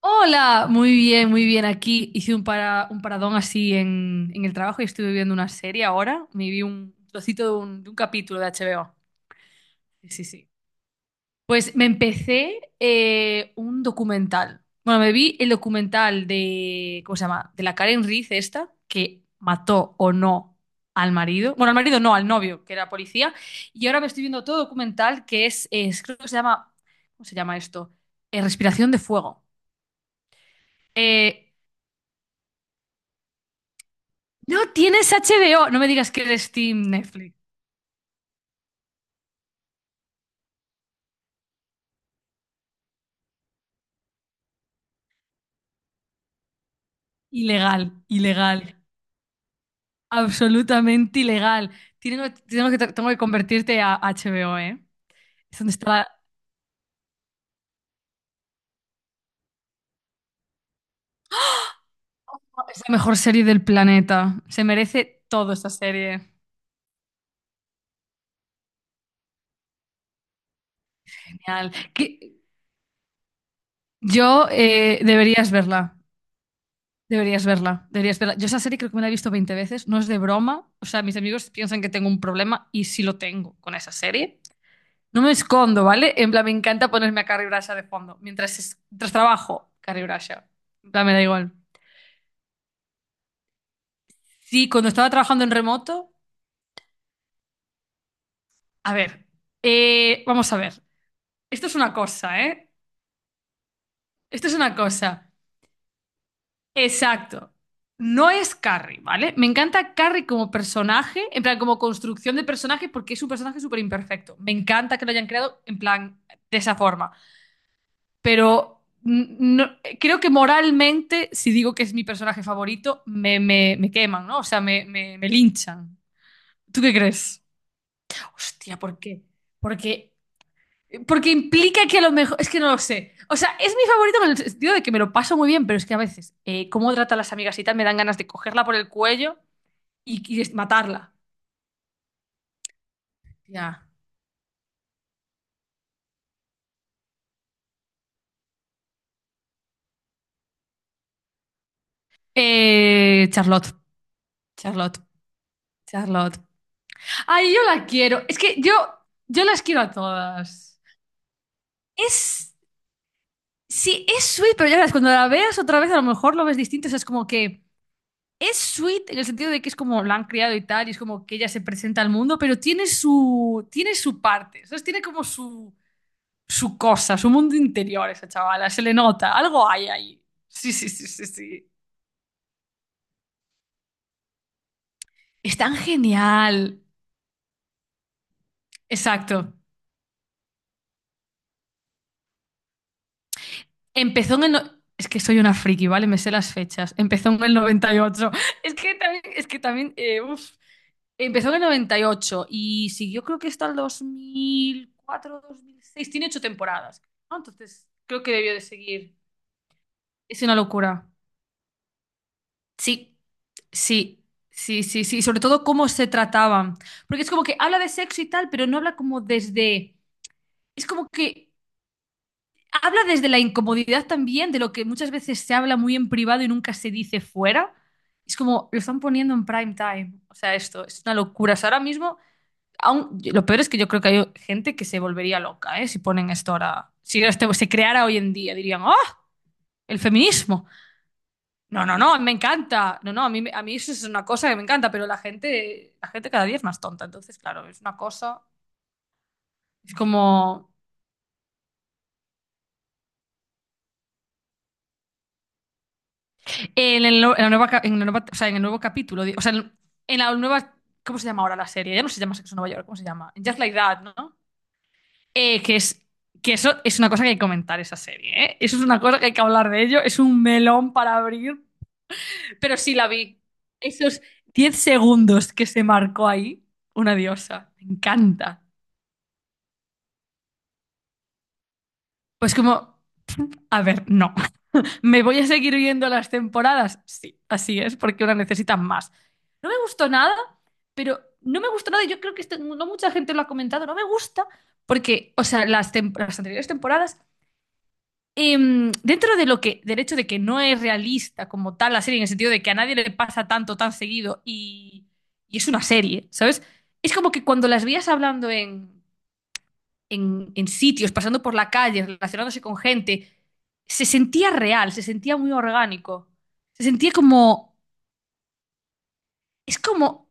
Hola, muy bien, muy bien. Aquí hice un paradón así en el trabajo y estuve viendo una serie ahora. Me vi un trocito de un capítulo de HBO. Sí, sí, sí. Pues me empecé un documental. Bueno, me vi el documental de, ¿cómo se llama? De la Karen Reed esta, que mató o no al marido. Bueno, al marido no, al novio, que era policía. Y ahora me estoy viendo otro documental que es, creo que se llama, ¿cómo se llama esto? Respiración de Fuego. Eh, No tienes HBO. No me digas que eres Steam Netflix. Ilegal, ilegal. Absolutamente ilegal. Tengo que convertirte a HBO, ¿eh? Es donde está la, es la mejor serie del planeta. Se merece todo esta serie. Genial. Que- yo Deberías verla. Deberías verla. Deberías verla. Yo esa serie creo que me la he visto 20 veces. No es de broma. O sea, mis amigos piensan que tengo un problema y sí lo tengo con esa serie. No me escondo, ¿vale? En plan, me encanta ponerme a Carrie Bradshaw de fondo. Mientras trabajo, Carrie Bradshaw. En plan, me da igual. Sí, cuando estaba trabajando en remoto, a ver, vamos a ver. Esto es una cosa, ¿eh? Esto es una cosa. Exacto. No es Carrie, ¿vale? Me encanta Carrie como personaje, en plan, como construcción de personaje, porque es un personaje súper imperfecto. Me encanta que lo hayan creado en plan, de esa forma. Pero no, creo que moralmente, si digo que es mi personaje favorito, me queman, ¿no? O sea, me linchan. ¿Tú qué crees? Hostia, ¿por qué? Porque, porque implica que a lo mejor. Es que no lo sé. O sea, es mi favorito en el sentido de que me lo paso muy bien, pero es que a veces, cómo trata a las amigas y tal, me dan ganas de cogerla por el cuello y de matarla. Ya. Charlotte. Charlotte. Charlotte. Ay, yo la quiero. Es que yo las quiero a todas. Es Sí, es sweet, pero ya verás, cuando la veas otra vez a lo mejor lo ves distinto. O sea, es como que es sweet en el sentido de que es como la han criado y tal, y es como que ella se presenta al mundo, pero tiene su parte, ¿sabes? Tiene como su cosa, su mundo interior esa chavala, se le nota, algo hay ahí. Sí, sí, sí, sí, sí. Es tan genial. Exacto. Empezó en el... no- Es que soy una friki, ¿vale? Me sé las fechas. Empezó en el 98. Uf. Empezó en el 98 y ocho y siguió creo que hasta el 2004, 2006. Tiene ocho temporadas, ¿no? Entonces creo que debió de seguir. Es una locura. Sí, sí, sí, sí, sí. Sobre todo cómo se trataban. Porque es como que habla de sexo y tal, pero no habla como desde... Es como que habla desde la incomodidad también, de lo que muchas veces se habla muy en privado y nunca se dice fuera. Es como, lo están poniendo en prime time. O sea, esto es una locura. O sea, ahora mismo... Lo peor es que yo creo que hay gente que se volvería loca, ¿eh? Si ponen esto ahora, si esto se creara hoy en día, dirían, ¡oh! El feminismo. No, no, no, me encanta. No, no, a mí, a mí eso es una cosa que me encanta, pero la gente cada día es más tonta. Entonces, claro, es una cosa. Es como. En el, no- en la nueva, ca- en la nueva- O sea, en el nuevo capítulo, o sea, en la nueva. ¿Cómo se llama ahora la serie? Ya no se llama Sexo en Nueva York, ¿cómo se llama? Just Like That, ¿no? Que es. Que eso es una cosa que hay que comentar esa serie, ¿eh? Eso es una cosa que hay que hablar de ello. Es un melón para abrir. Pero sí la vi. Esos 10 segundos que se marcó ahí, una diosa. Me encanta. Pues como, a ver, no. ¿Me voy a seguir viendo las temporadas? Sí, así es, porque una necesita más. No me gustó nada, pero no me gustó nada. Y yo creo que esto no mucha gente lo ha comentado. No me gusta porque, o sea, las anteriores temporadas, dentro de lo que, del hecho de que no es realista como tal la serie, en el sentido de que a nadie le pasa tanto tan seguido y es una serie, ¿sabes? Es como que cuando las veías hablando en sitios, pasando por la calle, relacionándose con gente, se sentía real, se sentía muy orgánico, se sentía como, es como,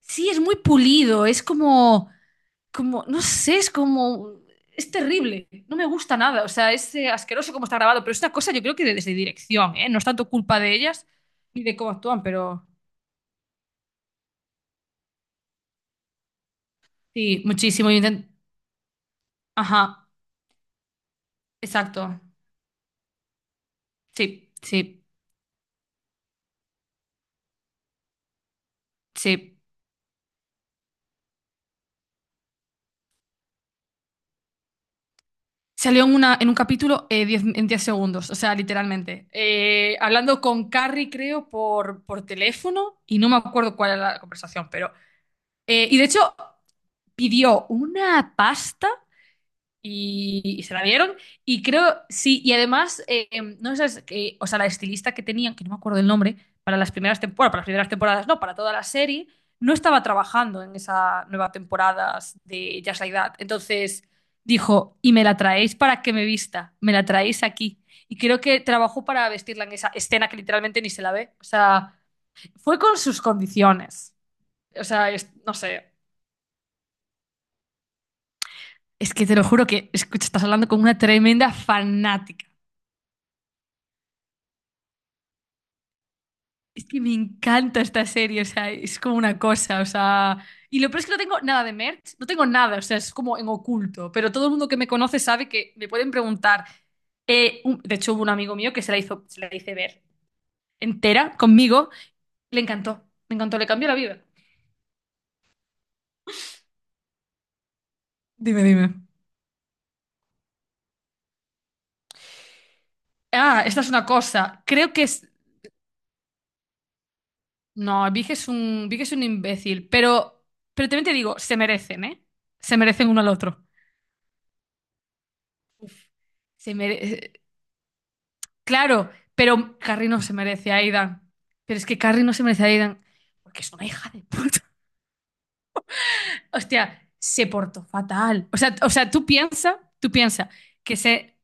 sí, es muy pulido, es como... como, no sé, es como, es terrible, no me gusta nada, o sea, es asqueroso como está grabado, pero es una cosa yo creo que desde dirección, ¿eh? No es tanto culpa de ellas ni de cómo actúan, pero sí, muchísimo. Ajá, exacto, sí, sí, sí. Salió en un capítulo 10 en 10 segundos, o sea, literalmente. Hablando con Carrie, creo, por teléfono, y no me acuerdo cuál era la conversación, pero... y de hecho, pidió una pasta. Y se la dieron. Y creo, sí, y además, no sé, o sea, la estilista que tenían, que no me acuerdo el nombre, para las primeras temporadas, para las primeras temporadas, no, para toda la serie, no estaba trabajando en esa nueva temporada de Just Like That. Entonces dijo, y me la traéis para que me vista, me la traéis aquí. Y creo que trabajó para vestirla en esa escena que literalmente ni se la ve. O sea, fue con sus condiciones. O sea, no sé. Es que te lo juro que, escucha, estás hablando con una tremenda fanática. Es que me encanta esta serie, o sea, es como una cosa, o sea... Y lo peor es que no tengo nada de merch, no tengo nada, o sea, es como en oculto, pero todo el mundo que me conoce sabe que me pueden preguntar. De hecho, hubo un amigo mío que se la hizo, se la hice ver entera conmigo, le encantó, me encantó, le cambió la vida. Dime, dime. Ah, esta es una cosa, creo que es... No, Big es un imbécil, pero, también te digo, se merecen, ¿eh? Se merecen uno al otro. Se merecen... Claro, pero Carrie no se merece a Aidan. Pero es que Carrie no se merece a Aidan porque es una hija de puta. Hostia, se portó fatal. O sea, tú piensa que se,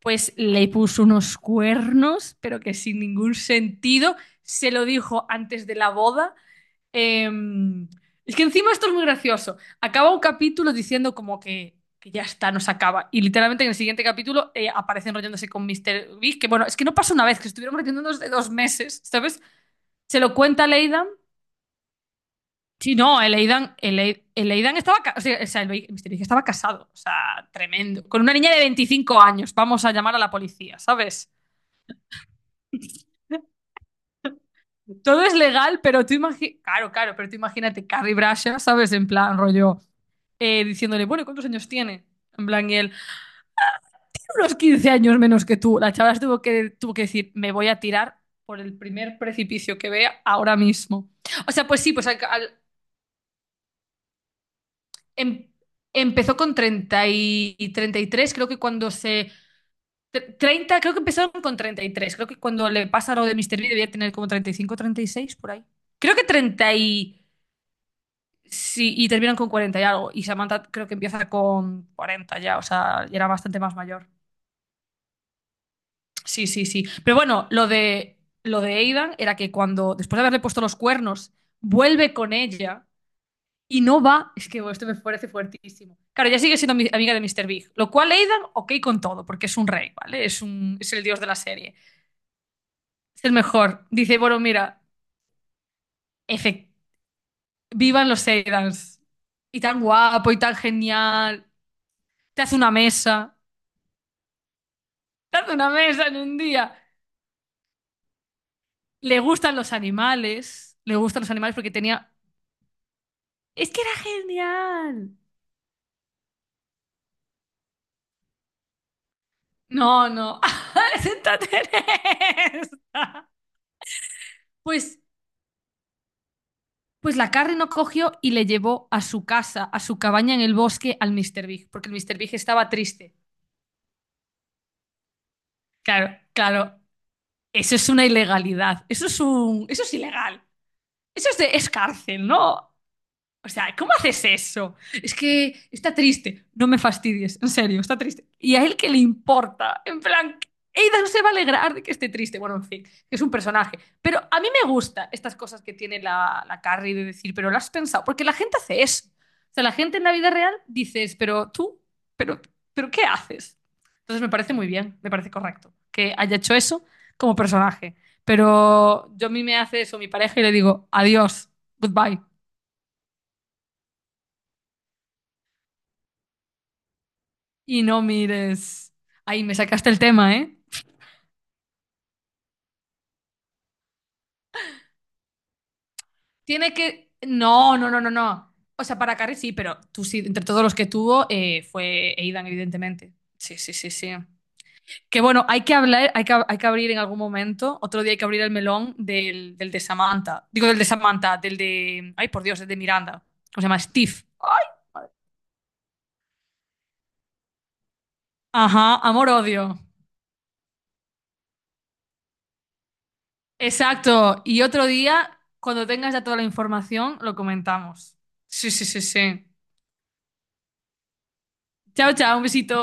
pues le puso unos cuernos, pero que sin ningún sentido. Se lo dijo antes de la boda. Em, es que encima esto es muy gracioso. Acaba un capítulo diciendo como que ya está, nos acaba. Y literalmente en el siguiente capítulo aparecen enrollándose con Mr. Big, que bueno, es que no pasa una vez, que estuvieron enrollándonos de 2 meses, ¿sabes? Se lo cuenta a Leidan. Sí, no, el Aidan estaba, Mr. Big estaba casado, o sea, tremendo. Con una niña de 25 años, vamos a llamar a la policía, ¿sabes? Todo es legal, pero claro, claro, pero tú imagínate Carrie Bradshaw, ¿sabes? En plan, rollo. Diciéndole, bueno, ¿cuántos años tiene? En plan, y él, unos 15 años menos que tú. La chavala tuvo que decir, me voy a tirar por el primer precipicio que vea ahora mismo. O sea, pues sí, em- empezó con treinta y tres creo que cuando se... 30, creo que empezaron con 33 creo que cuando le pasa lo de Mister B debía tener como 30 35 36 por ahí. Creo que 30 y... Sí, y terminan con 40 y algo. Y Samantha creo que empieza con 40 ya, o sea, ya era bastante más mayor. Sí, sí, sí. Pero bueno, lo de Aidan era que cuando, después de haberle puesto los cuernos, vuelve con ella y no va. Es que bueno, esto me parece fuertísimo. Claro, ya sigue siendo amiga de Mr. Big. Lo cual Aidan, ok con todo, porque es un rey, ¿vale? Es el dios de la serie. Es el mejor. Dice, bueno, mira, efe- vivan los Aidans. Y tan guapo y tan genial. Te hace una mesa. Te hace una mesa en un día. Le gustan los animales. Le gustan los animales porque tenía. Es que era genial. No, no. Santa Teresa. Pues, pues la Carrie no cogió y le llevó a su casa, a su cabaña en el bosque al Mr. Big, porque el Mr. Big estaba triste. Claro, claro. Eso es una ilegalidad. Eso es ilegal. Es cárcel, ¿no? O sea, ¿cómo haces eso? Es que está triste. No me fastidies, en serio, está triste. ¿Y a él qué le importa? En plan, Ada no se va a alegrar de que esté triste. Bueno, en fin, que es un personaje. Pero a mí me gusta estas cosas que tiene la Carrie de decir, pero lo has pensado. Porque la gente hace eso. O sea, la gente en la vida real dices, pero, pero ¿qué haces? Entonces me parece muy bien, me parece correcto que haya hecho eso como personaje. Pero yo a mí me hace eso mi pareja y le digo, adiós, goodbye. Y no mires. Ahí me sacaste el tema, ¿eh? Tiene que. No, no, no, no, no. O sea, para Carrie sí, pero tú sí, entre todos los que tuvo, fue Aidan, evidentemente. Sí, sí, sí, sí. Que bueno, hay que hablar, hay que abrir en algún momento. Otro día hay que abrir el melón del de Samantha. Digo, del de Samantha, del de. Ay, por Dios, el de Miranda. ¿Cómo se llama? Steve. Ajá, amor-odio. Exacto. Y otro día, cuando tengas ya toda la información, lo comentamos. Sí, sí, sí, sí. Chao, chao, un besito.